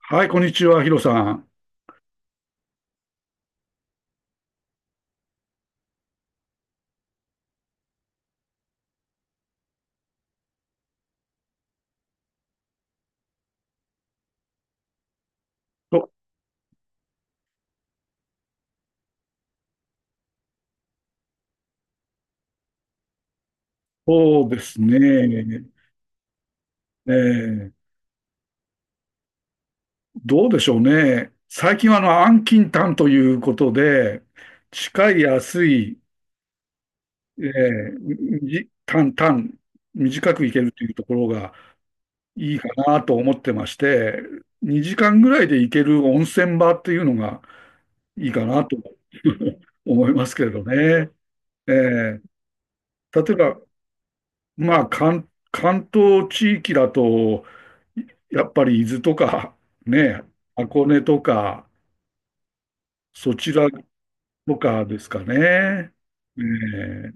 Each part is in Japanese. はい、こんにちは、ヒロさん。そそうですね。えーどうでしょうね。最近はあの、安近短ということで、近い、安い、えー、み短、短、短くいけるというところがいいかなと思ってまして、2時間ぐらいで行ける温泉場っていうのがいいかなと 思いますけれどね。えー例えば、まあ、関東地域だと、やっぱり伊豆とか、ね、箱根とか、そちらとかですかね。ええ、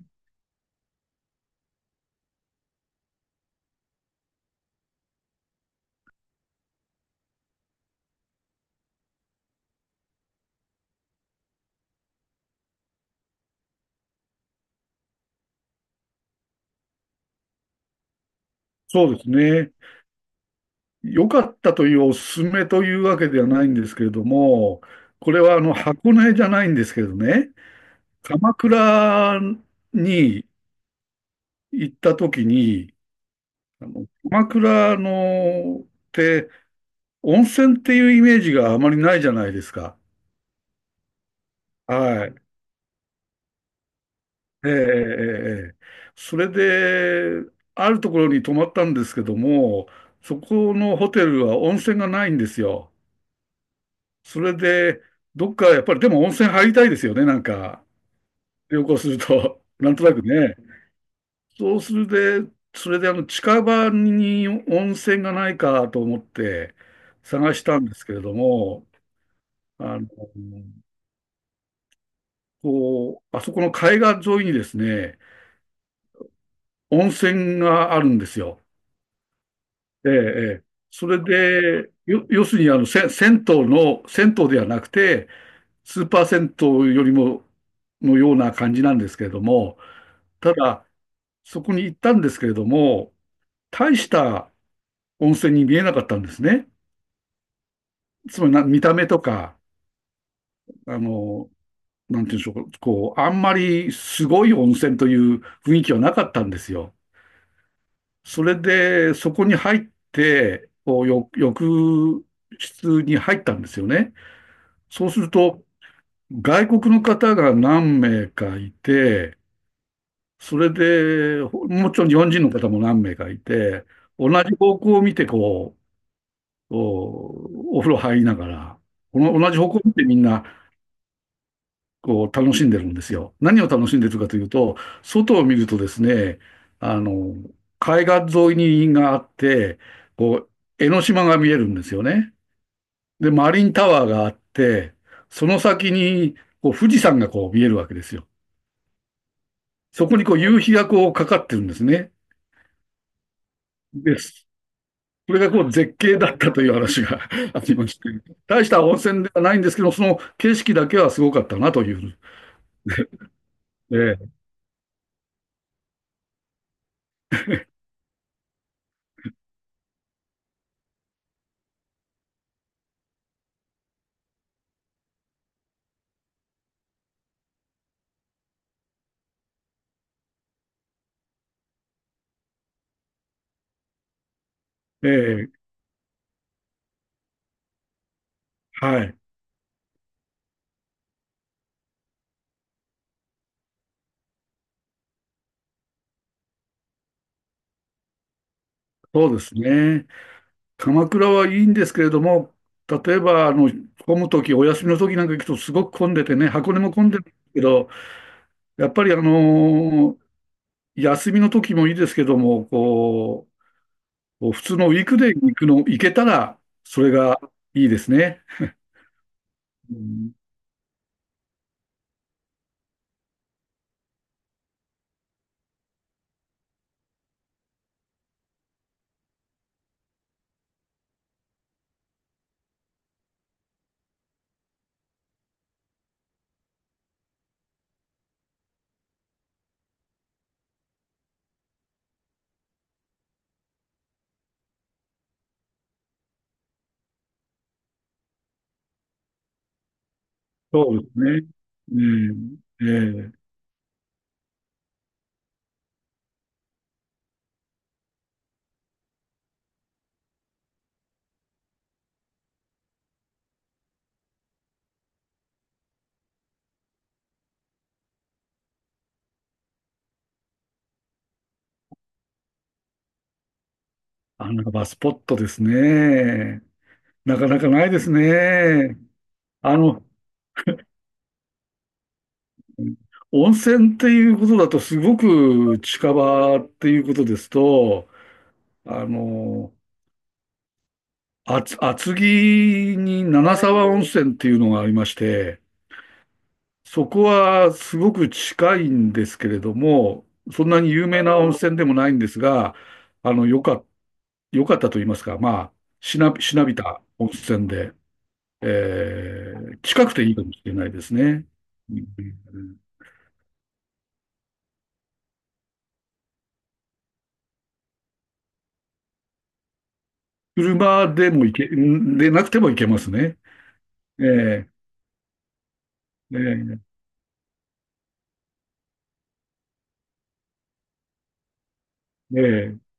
そうですね。良かったというおすすめというわけではないんですけれども、これはあの箱根じゃないんですけどね、鎌倉に行った時に、あの鎌倉のって温泉っていうイメージがあまりないじゃないですか。はい。ええええええ、それで、あるところに泊まったんですけども、そこのホテルは温泉がないんですよ。それで、どっかやっぱりでも温泉入りたいですよね、なんか、旅行すると、なんとなくね。そうするで、それであの近場に温泉がないかと思って探したんですけれども、あの、こう、あそこの海岸沿いにですね、温泉があるんですよ。ええ、ええ。それで、要するにあの、銭湯ではなくて、スーパー銭湯よりも、のような感じなんですけれども、ただ、そこに行ったんですけれども、大した温泉に見えなかったんですね。つまりな、見た目とか、あの、なんていうんでしょうか、こう、あんまりすごい温泉という雰囲気はなかったんですよ。それで、そこに入って、こう、浴室に入ったんですよね。そうすると、外国の方が何名かいて、それで、もちろん日本人の方も何名かいて、同じ方向を見て、こう、お風呂入りながら、この同じ方向を見てみんな、こう、楽しんでるんですよ。何を楽しんでるかというと、外を見るとですね、あの、海岸沿いにがあって、こう、江ノ島が見えるんですよね。で、マリンタワーがあって、その先に、こう、富士山がこう見えるわけですよ。そこにこう夕日がこうかかってるんですね。で、それがこう絶景だったという話が ありまして、大した温泉ではないんですけど、その景色だけはすごかったなという。ええええ、はい。そうですね。鎌倉はいいんですけれども、例えば、あの、混むとき、お休みのときなんか行くとすごく混んでてね、箱根も混んでるけど、やっぱり休みのときもいいですけども、こう、こう普通のウィークデーに行くの、行けたら、それがいいですね。うん、そうですね。うえ、ええ。あ、なんかバスポットですね。なかなかないですね。あの、温泉っていうことだと、すごく近場っていうことですと、あの、厚木に七沢温泉っていうのがありまして、そこはすごく近いんですけれども、そんなに有名な温泉でもないんですが、あの、よかったと言いますか、まあ、しなびた温泉で、近くていいかもしれないですね。うん、車でも行け、んでなくても行けますね。ええええええ、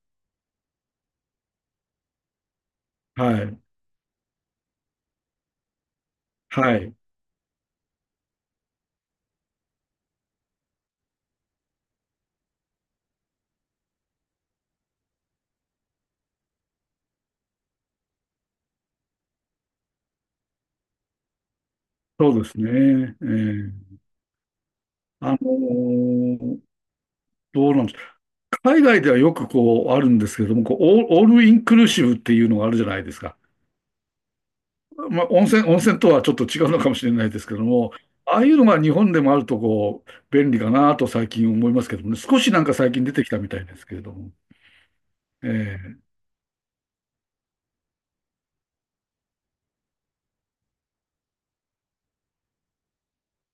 はい、はい、そうですね。ええ、あのーどうなんですか。海外ではよくこうあるんですけれども、こうオールインクルーシブっていうのがあるじゃないですか。まあ、温泉とはちょっと違うのかもしれないですけども、ああいうのが日本でもあるとこう便利かなと最近思いますけどもね、少しなんか最近出てきたみたいですけれども。ええ、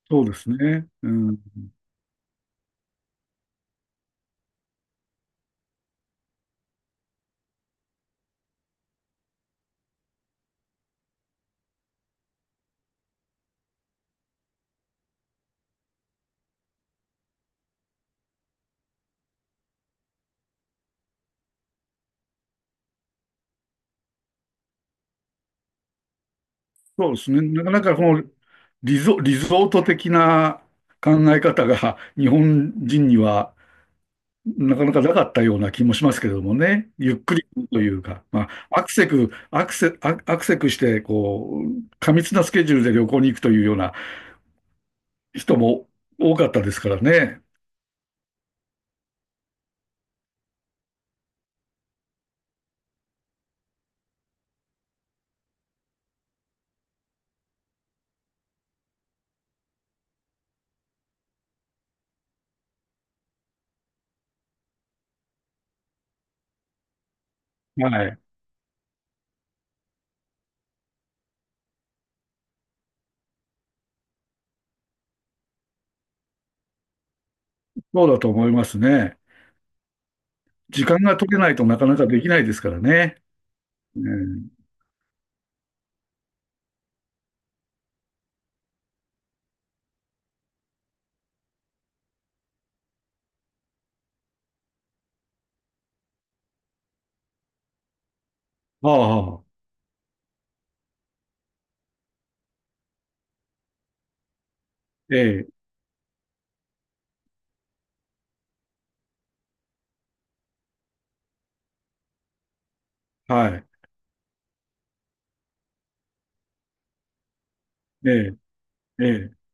そうですね。うん、そうですね。なかなかこのリゾート的な考え方が 日本人にはなかなかなかったような気もしますけれどもね。ゆっくりというか、まあ、アクセクして、こう、過密なスケジュールで旅行に行くというような人も多かったですからね。はい。そうだと思いますね。時間が取れないとなかなかできないですからね。うん、ああ、ええ、はい。ええ、ええ。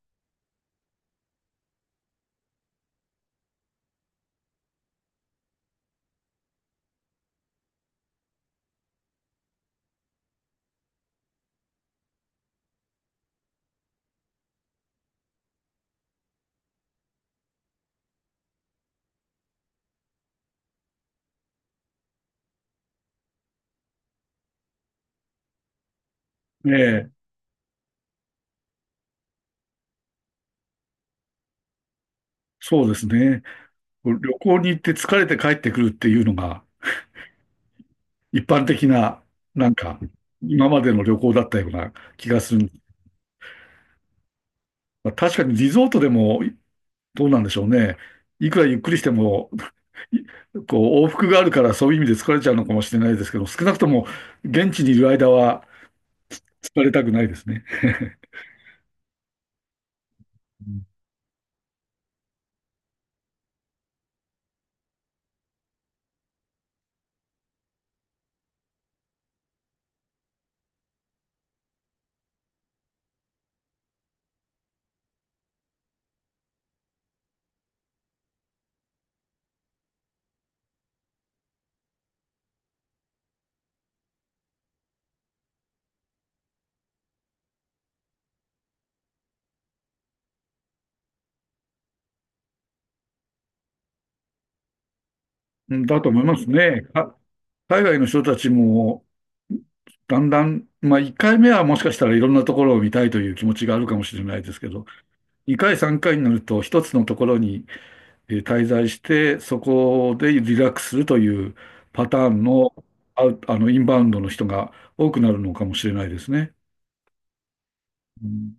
ええ、そうですね。旅行に行って疲れて帰ってくるっていうのが一般的な、なんか、今までの旅行だったような気がする。まあ、確かにリゾートでもどうなんでしょうね。いくらゆっくりしても、いこう往復があるからそういう意味で疲れちゃうのかもしれないですけど、少なくとも現地にいる間は疲れたくないですね。うんだと思いますね。海外の人たちも、だんだん、まあ、1回目はもしかしたらいろんなところを見たいという気持ちがあるかもしれないですけど、2回、3回になると、一つのところに滞在して、そこでリラックスするというパターンの、あ、あの、インバウンドの人が多くなるのかもしれないですね。うん。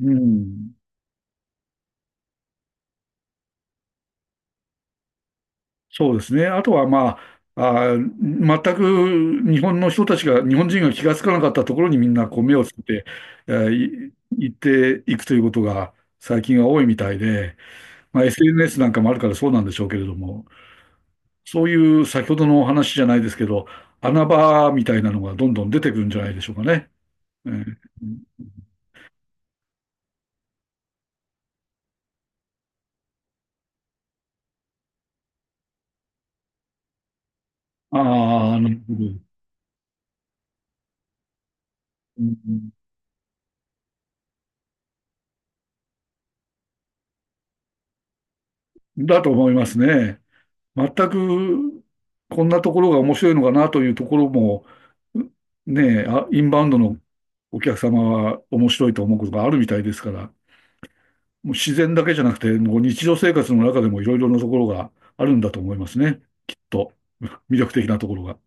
うん、そうですね。あとはまあ、あー、全く日本の人たちが、日本人が気がつかなかったところにみんなこう目をつけて、えーい行っていくということが最近は多いみたいで、まあ、SNS なんかもあるからそうなんでしょうけれども、そういう先ほどのお話じゃないですけど、穴場みたいなのがどんどん出てくるんじゃないでしょうかね。えー、ああ、なるほど。うんだと思いますね。全くこんなところが面白いのかなというところも、ねえ、あ、インバウンドのお客様は面白いと思うことがあるみたいですから、もう自然だけじゃなくて、もう日常生活の中でもいろいろなところがあるんだと思いますね。きっと、魅力的なところが。